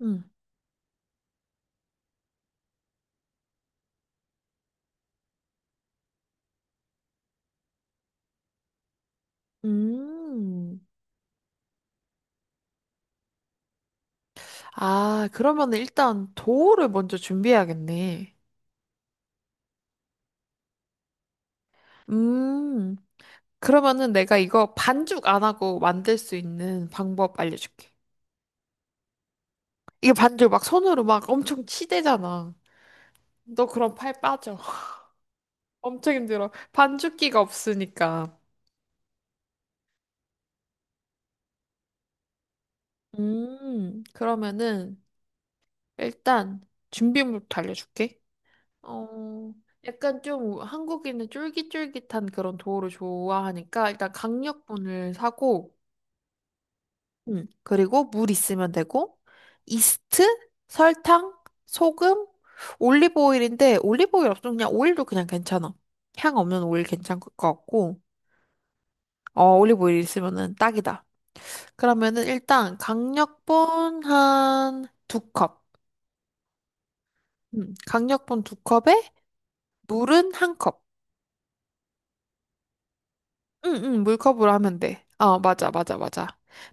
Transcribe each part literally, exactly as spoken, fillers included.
음. 음. 아, 그러면 일단 도우를 먼저 준비해야겠네. 음. 그러면은 내가 이거 반죽 안 하고 만들 수 있는 방법 알려줄게. 이게 반죽 막 손으로 막 엄청 치대잖아. 너 그럼 팔 빠져. 엄청 힘들어. 반죽기가 없으니까. 음. 그러면은 일단 준비물부터 알려줄게. 어, 약간 좀 한국인은 쫄깃쫄깃한 그런 도우를 좋아하니까 일단 강력분을 사고, 음, 그리고 물 있으면 되고, 이스트, 설탕, 소금, 올리브 오일인데 올리브 오일 없으면 그냥 오일도 그냥 괜찮아. 향 없는 오일 괜찮을 것 같고, 어, 올리브 오일 있으면은 딱이다. 그러면은 일단 강력분 한 두 컵, 음, 강력분 두 컵에 물은 한 컵. 응응 물컵으로 하면 돼. 어 맞아 맞아 맞아.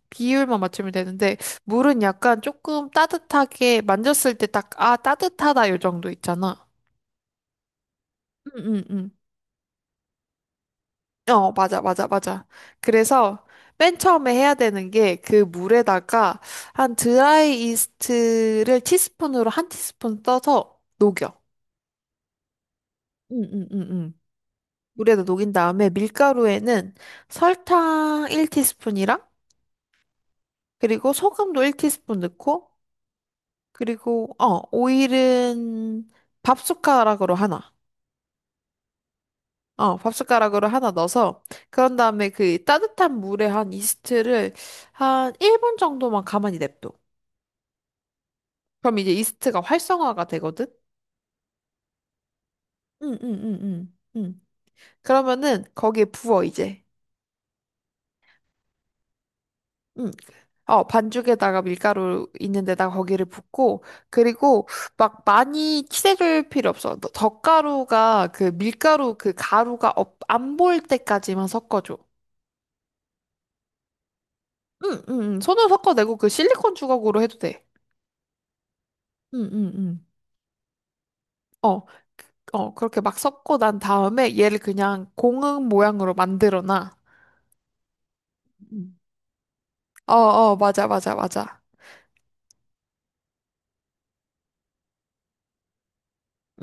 비율만 맞추면 되는데 물은 약간 조금 따뜻하게 만졌을 때 딱 아 따뜻하다 요 정도 있잖아. 응응응. 어 맞아 맞아 맞아. 그래서 맨 처음에 해야 되는 게 그 물에다가 한 드라이 이스트를 티스푼으로 한 티스푼 떠서 녹여. 응응응응. 물에다 녹인 다음에 밀가루에는 설탕 한 티스푼이랑 그리고 소금도 한 티스푼 넣고 그리고 어 오일은 밥 숟가락으로 하나. 어, 밥 숟가락으로 하나 넣어서 그런 다음에 그 따뜻한 물에 한 이스트를 한 일 분 정도만 가만히 냅둬. 그럼 이제 이스트가 활성화가 되거든. 응, 응, 응, 응, 응. 그러면은 거기에 부어 이제. 응. 어, 반죽에다가 밀가루 있는데다가 거기를 붓고 그리고 막 많이 칠해줄 필요 없어. 너- 덧가루가 그 밀가루 그 가루가 안 보일 때까지만 섞어줘. 응, 응, 응. 손으로 섞어내고 그 실리콘 주걱으로 해도 돼. 응, 응, 응. 어, 어, 그렇게 막 섞고 난 다음에 얘를 그냥 공흥 모양으로 만들어 놔. 음. 어, 어, 맞아, 맞아, 맞아.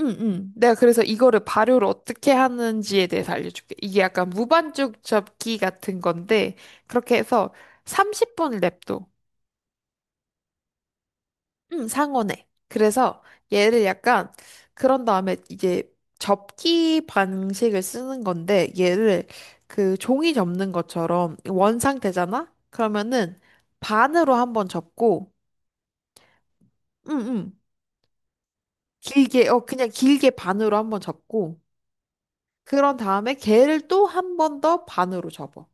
응. 응. 내가 그래서 이거를 발효를 어떻게 하는지에 대해서 알려줄게. 이게 약간 무반죽 접기 같은 건데, 그렇게 해서 삼십 분을 냅둬. 응, 상온에. 그래서 얘를 약간 그런 다음에 이제 접기 방식을 쓰는 건데 얘를 그 종이 접는 것처럼 원 상태잖아? 그러면은 반으로 한번 접고 응응 길게 어 그냥 길게 반으로 한번 접고 그런 다음에 걔를 또 한 번 더 반으로 접어.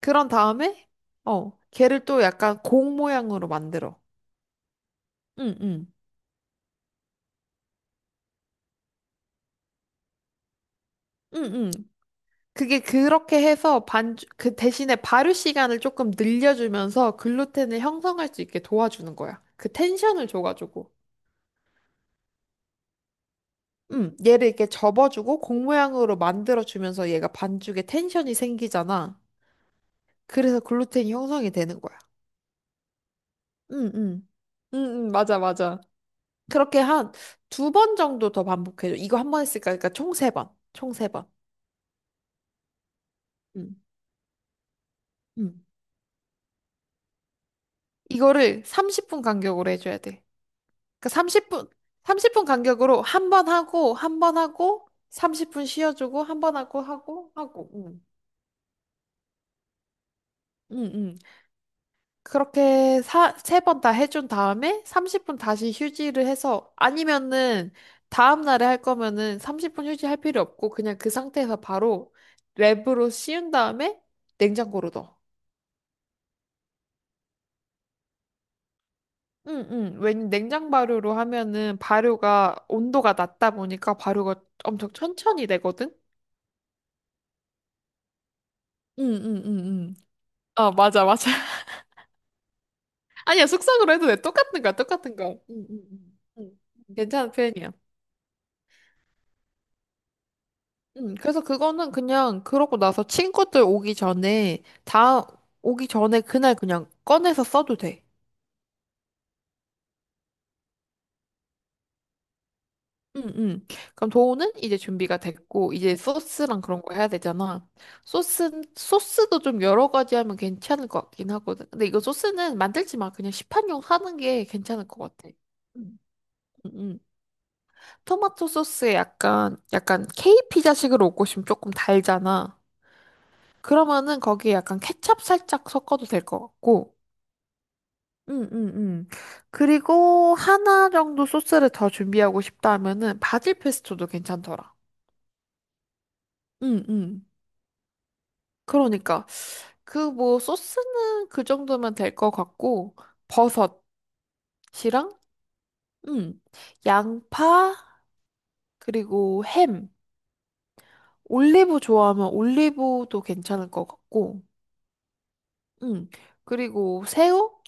그런 다음에 어 걔를 또 약간 공 모양으로 만들어. 응응 응응 그게 그렇게 해서 반, 그 대신에 발효 시간을 조금 늘려주면서 글루텐을 형성할 수 있게 도와주는 거야. 그 텐션을 줘가지고. 음, 얘를 이렇게 접어주고 공 모양으로 만들어주면서 얘가 반죽에 텐션이 생기잖아. 그래서 글루텐이 형성이 되는 거야. 응, 응. 응, 응, 맞아, 맞아. 그렇게 한 두 번 정도 더 반복해줘. 이거 한 번 했으니까, 그러니까 총 세 번. 총 세 번. 응, 응. 이거를 삼십 분 간격으로 해줘야 돼. 그 삼십 분, 삼십 분 간격으로 한 번 하고, 한 번 하고, 삼십 분 쉬어주고, 한 번 하고, 하고, 하고, 응. 응, 응. 그렇게 사, 세 번 다 해준 다음에 삼십 분 다시 휴지를 해서, 아니면은, 다음 날에 할 거면은 삼십 분 휴지 할 필요 없고, 그냥 그 상태에서 바로 랩으로 씌운 다음에 냉장고로 넣어. 응, 응. 왜냐면 냉장 발효로 하면은 발효가 온도가 낮다 보니까 발효가 엄청 천천히 되거든? 응, 응, 응, 응. 어, 맞아, 맞아. 아니야, 숙성으로 해도 돼. 똑같은 거야, 똑같은 거. 응, 응, 응. 응. 응. 괜찮은 표현이야. 응, 그래서 그거는 그냥 그러고 나서 친구들 오기 전에, 다 오기 전에 그날 그냥 꺼내서 써도 돼. 응, 응. 그럼 도우는 이제 준비가 됐고, 이제 소스랑 그런 거 해야 되잖아. 소스, 소스도 좀 여러 가지 하면 괜찮을 것 같긴 하거든. 근데 이거 소스는 만들지 마. 그냥 시판용 하는 게 괜찮을 것 같아. 응. 응, 응. 토마토 소스에 약간, 약간 케이 피자식으로 먹고 싶으면 조금 달잖아. 그러면은 거기에 약간 케찹 살짝 섞어도 될 것 같고. 응, 응, 응. 그리고 하나 정도 소스를 더 준비하고 싶다면은 바질 페스토도 괜찮더라. 응, 응. 그러니까 그 뭐 소스는 그 정도면 될 것 같고 버섯이랑 응. 양파 그리고 햄 올리브 좋아하면 올리브도 괜찮을 것 같고 응. 그리고 새우?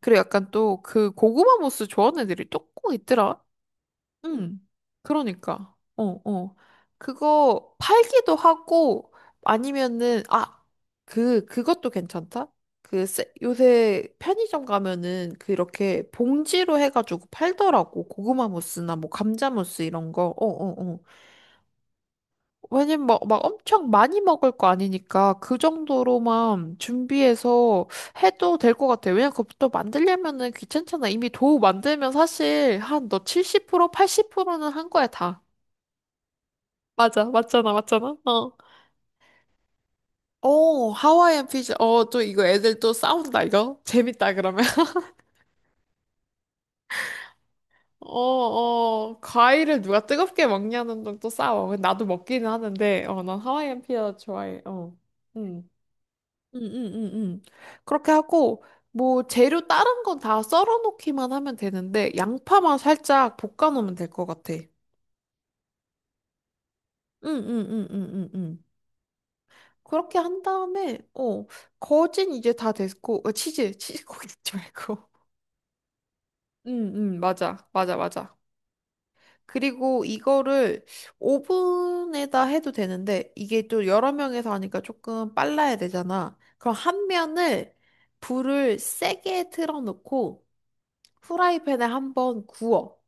그리고 약간 또 그 고구마 무스 좋아하는 애들이 또 꼭 있더라. 응. 그러니까. 어, 어. 그거 팔기도 하고 아니면은 아, 그 그것도 괜찮다. 그 세- 요새 편의점 가면은 그 이렇게 봉지로 해가지고 팔더라고. 고구마 무스나 뭐 감자 무스 이런 거. 어, 어, 어. 왜냐면 막, 막 엄청 많이 먹을 거 아니니까 그 정도로만 준비해서 해도 될 것 같아요. 왜냐면 그것도 만들려면은 귀찮잖아. 이미 도우 만들면 사실 한 너 칠십 프로, 팔십 프로는 한 거야, 다. 맞아, 맞잖아, 맞잖아. 어. 오, 하와이안 피자. 어, 또 이거 애들 또 싸운다, 이거. 재밌다, 그러면. 어, 어, 과일을 누가 뜨겁게 먹냐는 둥또 싸워. 나도 먹기는 하는데, 어, 난 하와이안 피자 좋아해. 어. 음. 응응응응 그렇게 하고, 뭐, 재료 다른 건 다 썰어 놓기만 하면 되는데, 양파만 살짝 볶아 놓으면 될 것 같아. 응, 응, 응, 응, 응, 응. 그렇게 한 다음에, 어, 거진 이제 다 됐고, 어, 치즈, 치즈 고기 넣지 말고. 응, 응, 맞아, 맞아, 맞아. 그리고 이거를 오븐에다 해도 되는데, 이게 또 여러 명에서 하니까 조금 빨라야 되잖아. 그럼 한 면을 불을 세게 틀어놓고, 프라이팬에 한번 구워.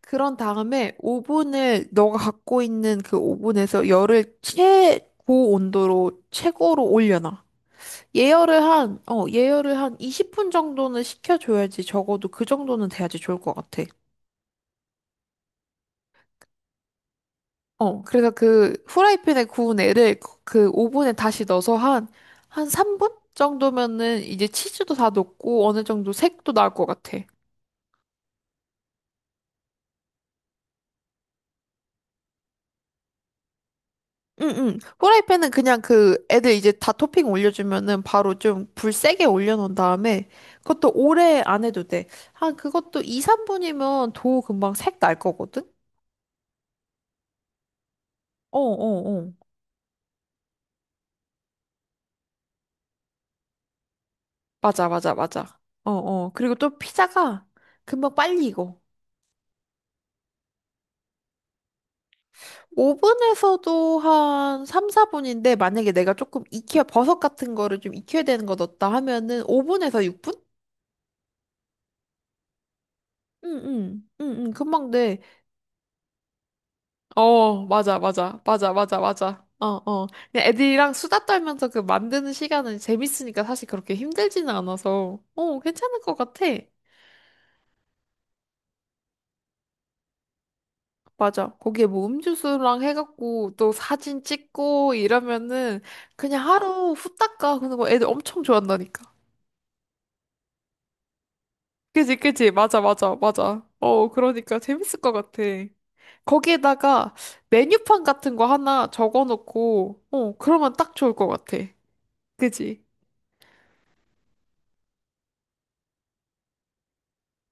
그런 다음에 오븐을 너가 갖고 있는 그 오븐에서 열을 최고 온도로 최고로 올려놔. 예열을 한, 어, 예열을 한 이십 분 정도는 식혀줘야지 적어도 그 정도는 돼야지 좋을 것 같아. 어, 그래서 그 후라이팬에 구운 애를 그 그 오븐에 다시 넣어서 한, 한 삼 분 정도면은 이제 치즈도 다 녹고 어느 정도 색도 나올 것 같아. 응응. 후라이팬은 그냥 그 애들 이제 다 토핑 올려주면은 바로 좀 불 세게 올려놓은 다음에 그것도 오래 안 해도 돼. 한 그것도 이, 삼 분이면 도 금방 색 날 거거든? 어, 어, 어. 맞아, 맞아, 맞아. 어, 어. 그리고 또 피자가 금방 빨리 익어. 오븐에서도 한 삼, 사 분인데 만약에 내가 조금 익혀 버섯 같은 거를 좀 익혀야 되는 거 넣었다 하면은 오븐에서 육 분? 응, 응. 응, 응, 금방 돼. 어, 맞아, 맞아, 맞아, 맞아, 맞아. 어, 어. 그냥 애들이랑 수다 떨면서 그 만드는 시간은 재밌으니까 사실 그렇게 힘들지는 않아서, 어, 괜찮을 것 같아. 맞아. 거기에 뭐 음주수랑 해갖고 또 사진 찍고 이러면은 그냥 하루 후딱 가. 그런 거 애들 엄청 좋아한다니까. 그지, 그지. 맞아, 맞아, 맞아. 어, 그러니까 재밌을 것 같아. 거기에다가 메뉴판 같은 거 하나 적어놓고, 어, 그러면 딱 좋을 것 같아. 그지?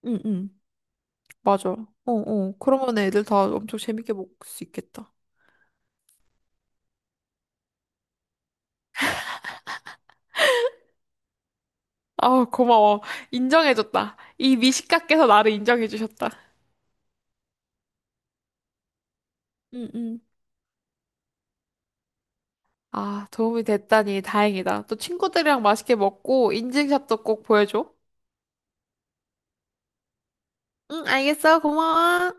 응, 응. 맞아. 어, 어. 그러면 애들 다 엄청 재밌게 먹을 수 있겠다. 아, 고마워. 인정해줬다. 이 미식가께서 나를 인정해주셨다. 응, 응. 아, 도움이 됐다니 다행이다. 또 친구들이랑 맛있게 먹고 인증샷도 꼭 보여줘. 응, 알겠어. 고마워.